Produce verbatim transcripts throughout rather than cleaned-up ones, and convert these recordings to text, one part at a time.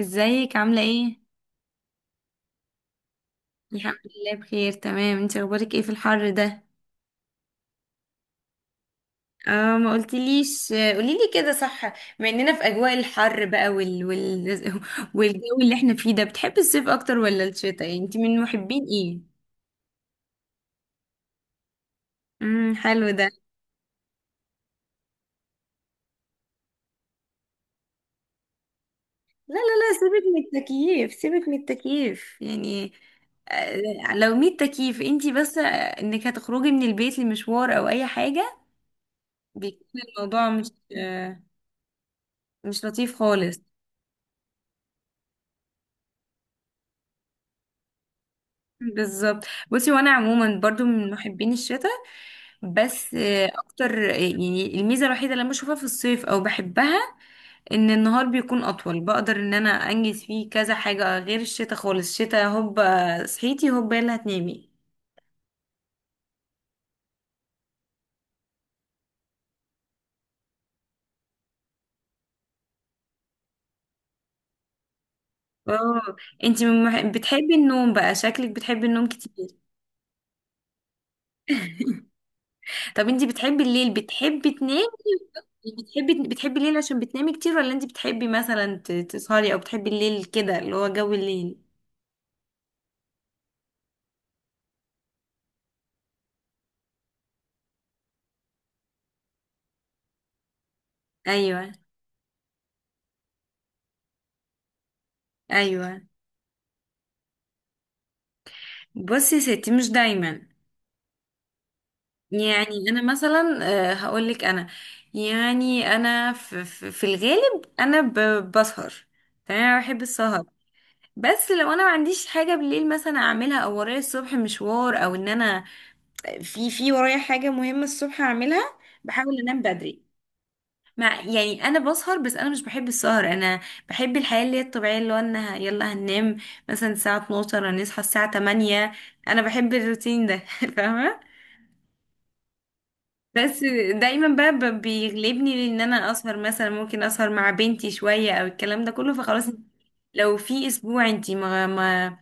ازيك عاملة ايه؟ الحمد لله، بخير تمام. انت اخبارك ايه في الحر ده؟ اه، ما قلتليش، قوليلي كده، صح. بما اننا في اجواء الحر بقى وال... وال... والجو اللي احنا فيه ده، بتحبي الصيف اكتر ولا الشتاء؟ يعني انت من محبين ايه؟ امم حلو ده. لا لا لا، سيبك من التكييف، سيبك من التكييف يعني. آه، لو مية تكييف انت، بس آه، انك هتخرجي من البيت لمشوار او اي حاجة، بيكون الموضوع مش آه، مش لطيف خالص. بالظبط. بصي، وانا عموما برضو من محبين الشتاء، بس آه، اكتر آه، يعني الميزه الوحيده اللي أنا بشوفها في الصيف او بحبها ان النهار بيكون اطول، بقدر ان انا انجز فيه كذا حاجه. غير الشتاء خالص، الشتاء هوب آه، صحيتي، هوب يلا هتنامي. اه، انتي من مح... بتحبي النوم بقى، شكلك بتحبي النوم كتير. طب انتي بتحبي الليل، بتحبي تنامي؟ بتحبي بتحبي الليل عشان بتنامي كتير، ولا انتي بتحبي مثلا ت- تسهري، او بتحبي الليل كده، اللي هو جو الليل؟ ايوه. ايوه، بصي يا ستي مش دايما. يعني انا مثلا، هقول لك، انا يعني انا في, في, في الغالب انا ب- بسهر، تمام، انا بحب السهر. بس لو انا ما عنديش حاجه بالليل مثلا اعملها، او ورايا الصبح مشوار، او ان انا في في ورايا حاجه مهمه الصبح اعملها، بحاول انام بدري. مع، يعني انا بسهر، بس انا مش بحب السهر. انا بحب الحياه اللي هي الطبيعيه، اللي هو انا ه- يلا هننام مثلا الساعه اتناشر، هنصحى الساعه تمانية. انا بحب الروتين ده، فاهمه. بس دايما بقى ب- بيغلبني ان انا اسهر، مثلا ممكن اسهر مع بنتي شوية او الكلام ده كله، فخلاص. لو في اسبوع انتي ما ما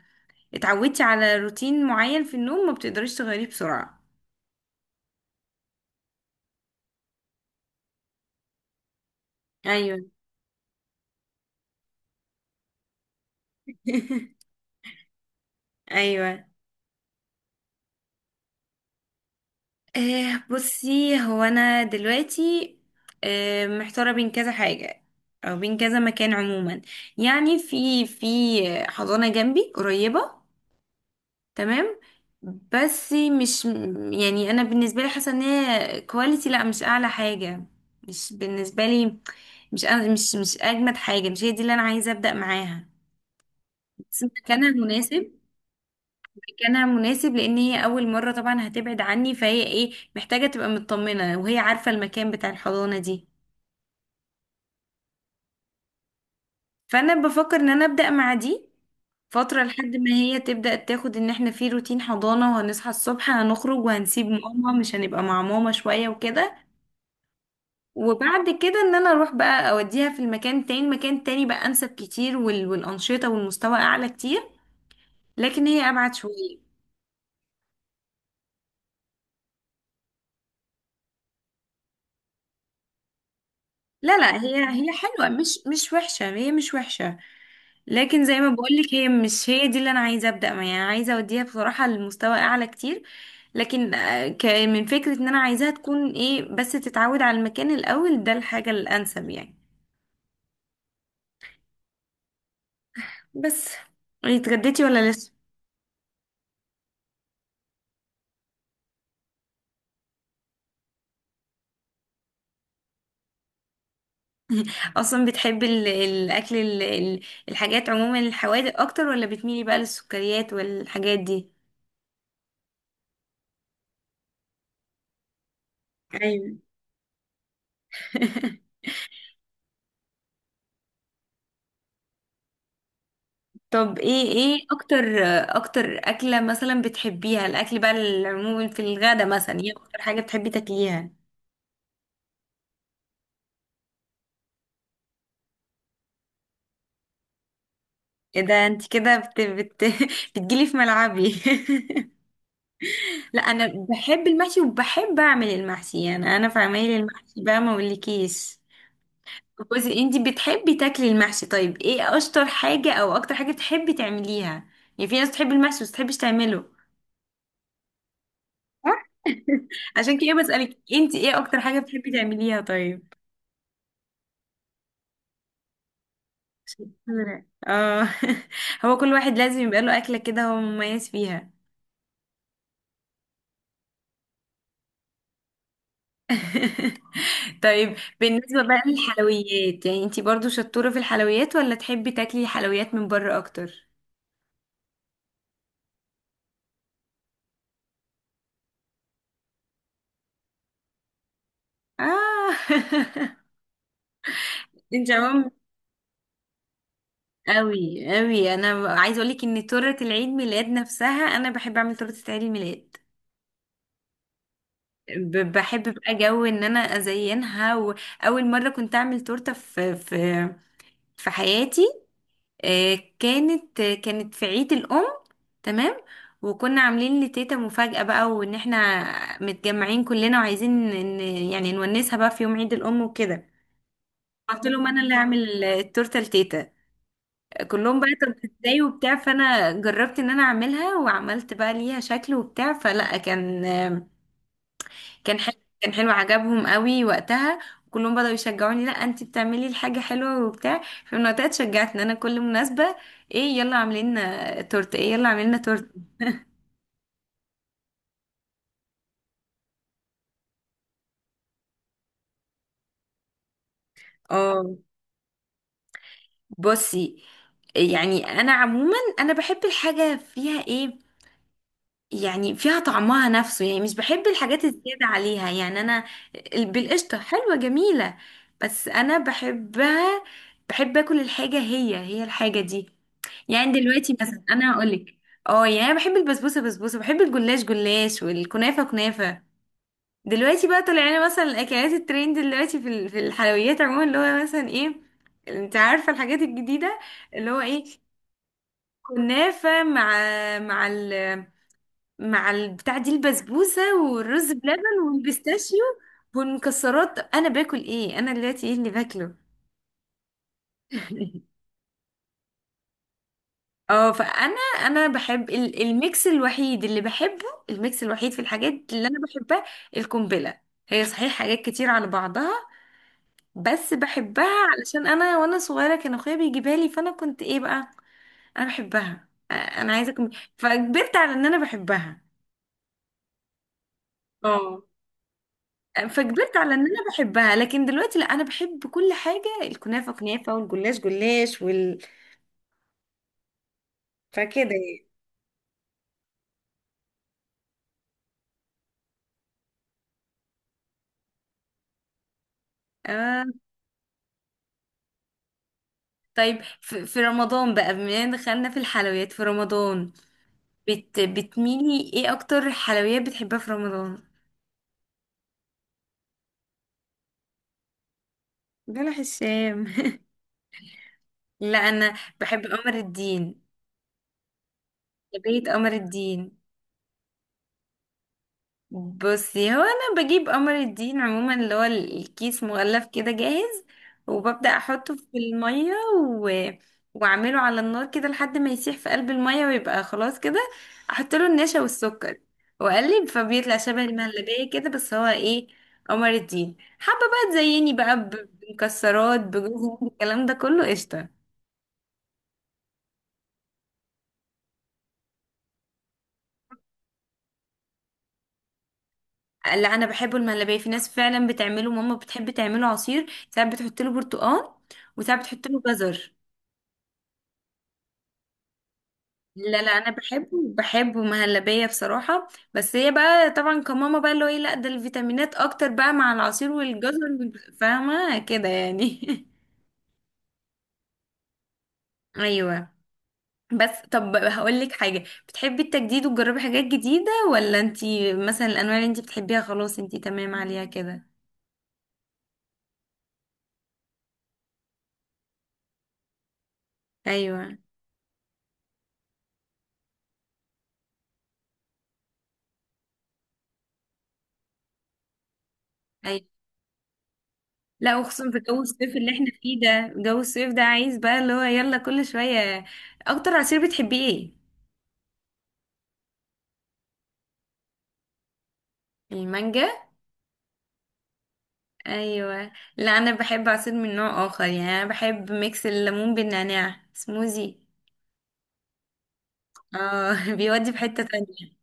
اتعودتي على روتين معين في النوم، ما بتقدريش تغيريه بسرعة. ايوه. ايوه. آه بصي، هو انا دلوقتي آه محتاره بين كذا حاجه، او بين كذا مكان. عموما يعني في في حضانه جنبي قريبه، تمام، بس مش، يعني انا بالنسبه لي حاسه ان هي كواليتي، لا مش اعلى حاجه، مش بالنسبه لي، مش أ- مش مش اجمد حاجه، مش هي دي اللي انا عايزه ابدا معاها. بس مكانها مناسب، مكانها مناسب لان هي اول مره طبعا هتبعد عني، فهي ايه محتاجه تبقى مطمنه، وهي عارفه المكان بتاع الحضانه دي. فانا بفكر ان انا ابدا مع دي فترة لحد ما هي تبدأ تاخد ان احنا في روتين حضانة، وهنصحى الصبح، هنخرج، وهنسيب ماما، مش هنبقى مع ماما شوية وكده. وبعد كده ان انا اروح بقى اوديها في المكان تاني، مكان تاني بقى انسب كتير، وال... والانشطه والمستوى اعلى كتير. لكن هي ابعد شويه. لا لا، هي هي حلوه، مش مش وحشه، هي مش وحشه، لكن زي ما بقولك هي مش هي دي اللي انا عايزه ابدا معاها. يعني عايزه اوديها بصراحه لمستوى اعلى كتير، لكن آه، ك... من فكره ان انا عايزاها تكون ايه بس تتعود على المكان الاول ده، الحاجه الانسب يعني. بس اتغديتي ولا لسه؟ اصلا بتحبي ال- الاكل ال- ال- الحاجات عموما، الحوادق اكتر ولا بتميلي بقى للسكريات والحاجات دي؟ ايوه. طب ايه ايه اكتر اكتر اكلة مثلا بتحبيها، الاكل بقى العموما في الغدا مثلا، ايه اكتر حاجة بتحبي تاكليها؟ ايه ده، انت كده بت بت بتجيلي في ملعبي. لا، انا بحب المحشي وبحب اعمل المحشي، يعني انا في عمايل المحشي بقى ما اقولكيش. بصي، انتي بتحبي تاكلي المحشي، طيب ايه اشطر حاجة او اكتر حاجة بتحبي تعمليها؟ يعني في ناس بتحب المحشي بس بتحبش تعمله. عشان كده بسألك انتي ايه اكتر حاجة بتحبي تعمليها، طيب. شطورة، اه. هو كل واحد لازم يبقى له اكلة كده هو مميز فيها. طيب بالنسبة بقى للحلويات، يعني انتي برضو شطورة في الحلويات، ولا تحبي تاكلي حلويات من بره اكتر؟ اه. انت عموما قوي قوي، انا عايزه اقول لك ان تورته العيد ميلاد نفسها، انا بحب اعمل تورته عيد الميلاد. ب- بحب بقى جو ان انا ازينها. واول مره كنت اعمل تورته في في في حياتي، آه، كانت آه، كانت في عيد الام، تمام. وكنا عاملين لتيتا مفاجاه بقى، وان احنا متجمعين كلنا وعايزين ان يعني نونسها بقى في يوم عيد الام وكده. قلت لهم انا اللي هعمل التورته لتيتا، كلهم بقى، طب ازاي وبتاع. فانا جربت ان انا اعملها، وعملت بقى ليها شكل وبتاع، فلا كان كان حلو. كان حلو، عجبهم قوي وقتها، كلهم بدأوا يشجعوني، لا انت بتعملي الحاجة حلوة وبتاع. فمن وقتها اتشجعت ان انا كل مناسبة، ايه؟ يلا عاملين تورت. ايه؟ يلا عاملين تورت. اه. بصي، يعني انا عموما انا بحب الحاجة فيها ايه يعني، فيها طعمها نفسه، يعني مش بحب الحاجات الزيادة عليها. يعني أنا ال- بالقشطة حلوة جميلة، بس أنا بحبها، بحب أكل الحاجة هي هي، الحاجة دي. يعني دلوقتي مثلا أنا هقولك، اه، يعني أنا بحب البسبوسة بسبوسة، بحب الجلاش جلاش، والكنافة كنافة. دلوقتي بقى طالع لنا مثلا الأكلات الترند دلوقتي في ال- في الحلويات عموما، اللي هو مثلا ايه؟ انت عارفة الحاجات الجديدة، اللي هو ايه، كنافة مع مع ال مع البتاع دي، البسبوسة والرز بلبن والبيستاشيو والمكسرات. انا باكل ايه انا دلوقتي، ايه اللي باكله؟ اه، فانا، انا بحب ال- الميكس. الوحيد اللي بحبه، الميكس الوحيد في الحاجات اللي انا بحبها، القنبله، هي صحيح حاجات كتير على بعضها، بس بحبها علشان انا وانا صغيره كان اخويا بيجيبها لي، فانا كنت ايه بقى، انا بحبها. آه، انا عايزه أكمل. فكبرت على ان انا بحبها. اه، فكبرت على ان انا بحبها، لكن دلوقتي لا انا بحب كل حاجه، الكنافه كنافه، والجلاش جلاش، وال فكده يعني. اه. طيب، في في رمضان بقى، بما ان دخلنا في الحلويات، في رمضان بت بتميلي ايه اكتر، حلويات بتحبها في رمضان؟ بلح الشام. لا انا بحب قمر الدين، بيت قمر الدين. بصي، هو انا بجيب قمر الدين عموما اللي هو الكيس مغلف كده جاهز، وببدأ احطه في المية و... واعمله على النار كده لحد ما يسيح في قلب المية، ويبقى خلاص كده احط له النشا والسكر واقلب، فبيطلع شبه المهلبية كده، بس هو ايه، قمر الدين. حابة بقى تزيني بقى ب- بمكسرات، بجوز هند، الكلام ده كله، قشطة. لا انا بحبه المهلبية، في ناس فعلا بتعمله، ماما بتحب تعمله عصير، ساعات بتحط له برتقال وساعات بتحط له جزر. لا لا، انا بحبه بحبه مهلبيه بصراحه. بس هي بقى طبعا كماما بقى اللي هو ايه، لا ده الفيتامينات اكتر بقى مع العصير والجزر وال- فاهمه كده يعني. ايوه. بس طب هقول لك حاجه، بتحبي التجديد وتجربي حاجات جديده، ولا انتي مثلا الانواع اللي انتي بتحبيها خلاص انتي تمام عليها كده؟ ايوه. ايوه. لا، وخصوصا في جو الصيف اللي احنا فيه ده، جو الصيف ده عايز بقى اللي هو يلا كل شويه. اكتر عصير بتحبيه ايه؟ المانجا. ايوه. لا، انا بحب عصير من نوع اخر، يعني انا بحب ميكس الليمون بالنعناع سموزي. اه، بيودي في حتة تانية.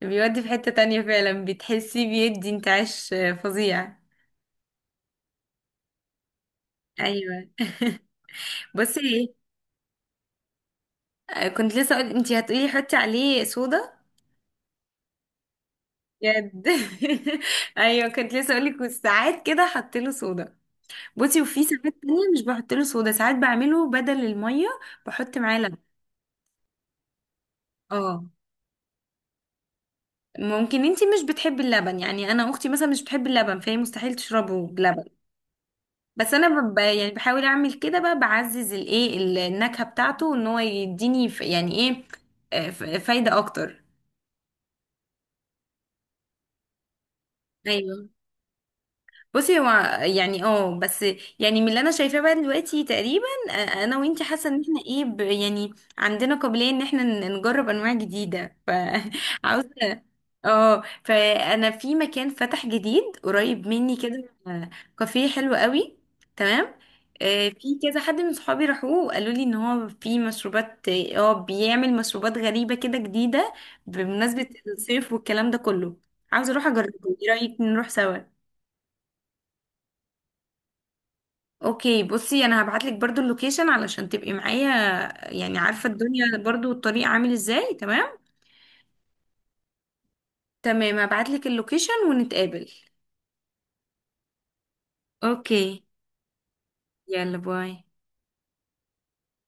بيودي في حتة تانية فعلا بتحسي بيدي انتعاش فظيع. ايوه. بصي، ايه كنت لسه اقول، انتي هتقولي حطي عليه صودا، بجد. ايوه، كنت لسه اقول لك ساعات كده حط له صودا. بصي، وفي ساعات تانية مش بحط له صودا، ساعات بعمله بدل المية بحط معاه لبن. اه، ممكن انتي مش بتحبي اللبن، يعني انا اختي مثلا مش بتحب اللبن فهي مستحيل تشربه بلبن. بس انا ب... ب- يعني بحاول اعمل كده بقى، بعزز الايه ال- النكهة بتاعته ان هو يديني ف... يعني ايه، آه، ف- فايدة اكتر. ايوه. بصي، هو يعني اه بس، يعني من اللي انا شايفاه بقى دلوقتي تقريبا، آه، انا وانتي حاسه ان احنا ايه ب- يعني عندنا قابليه ان احنا ن- نجرب انواع جديده، فعاوزه. اه، فانا في مكان فتح جديد قريب مني كده، آه، كافيه حلو قوي، تمام. آه، في كذا حد من صحابي راحوه وقالوا لي ان هو في مشروبات، اه بيعمل مشروبات غريبه كده جديده بمناسبه الصيف والكلام ده كله. عاوزه اروح اجربه، ايه رايك نروح سوا؟ اوكي، بصي انا هبعتلك برضو اللوكيشن علشان تبقي معايا، يعني عارفة الدنيا برضو الطريق عامل ازاي. تمام، تمام هبعتلك اللوكيشن ونتقابل. اوكي. يلا، باي.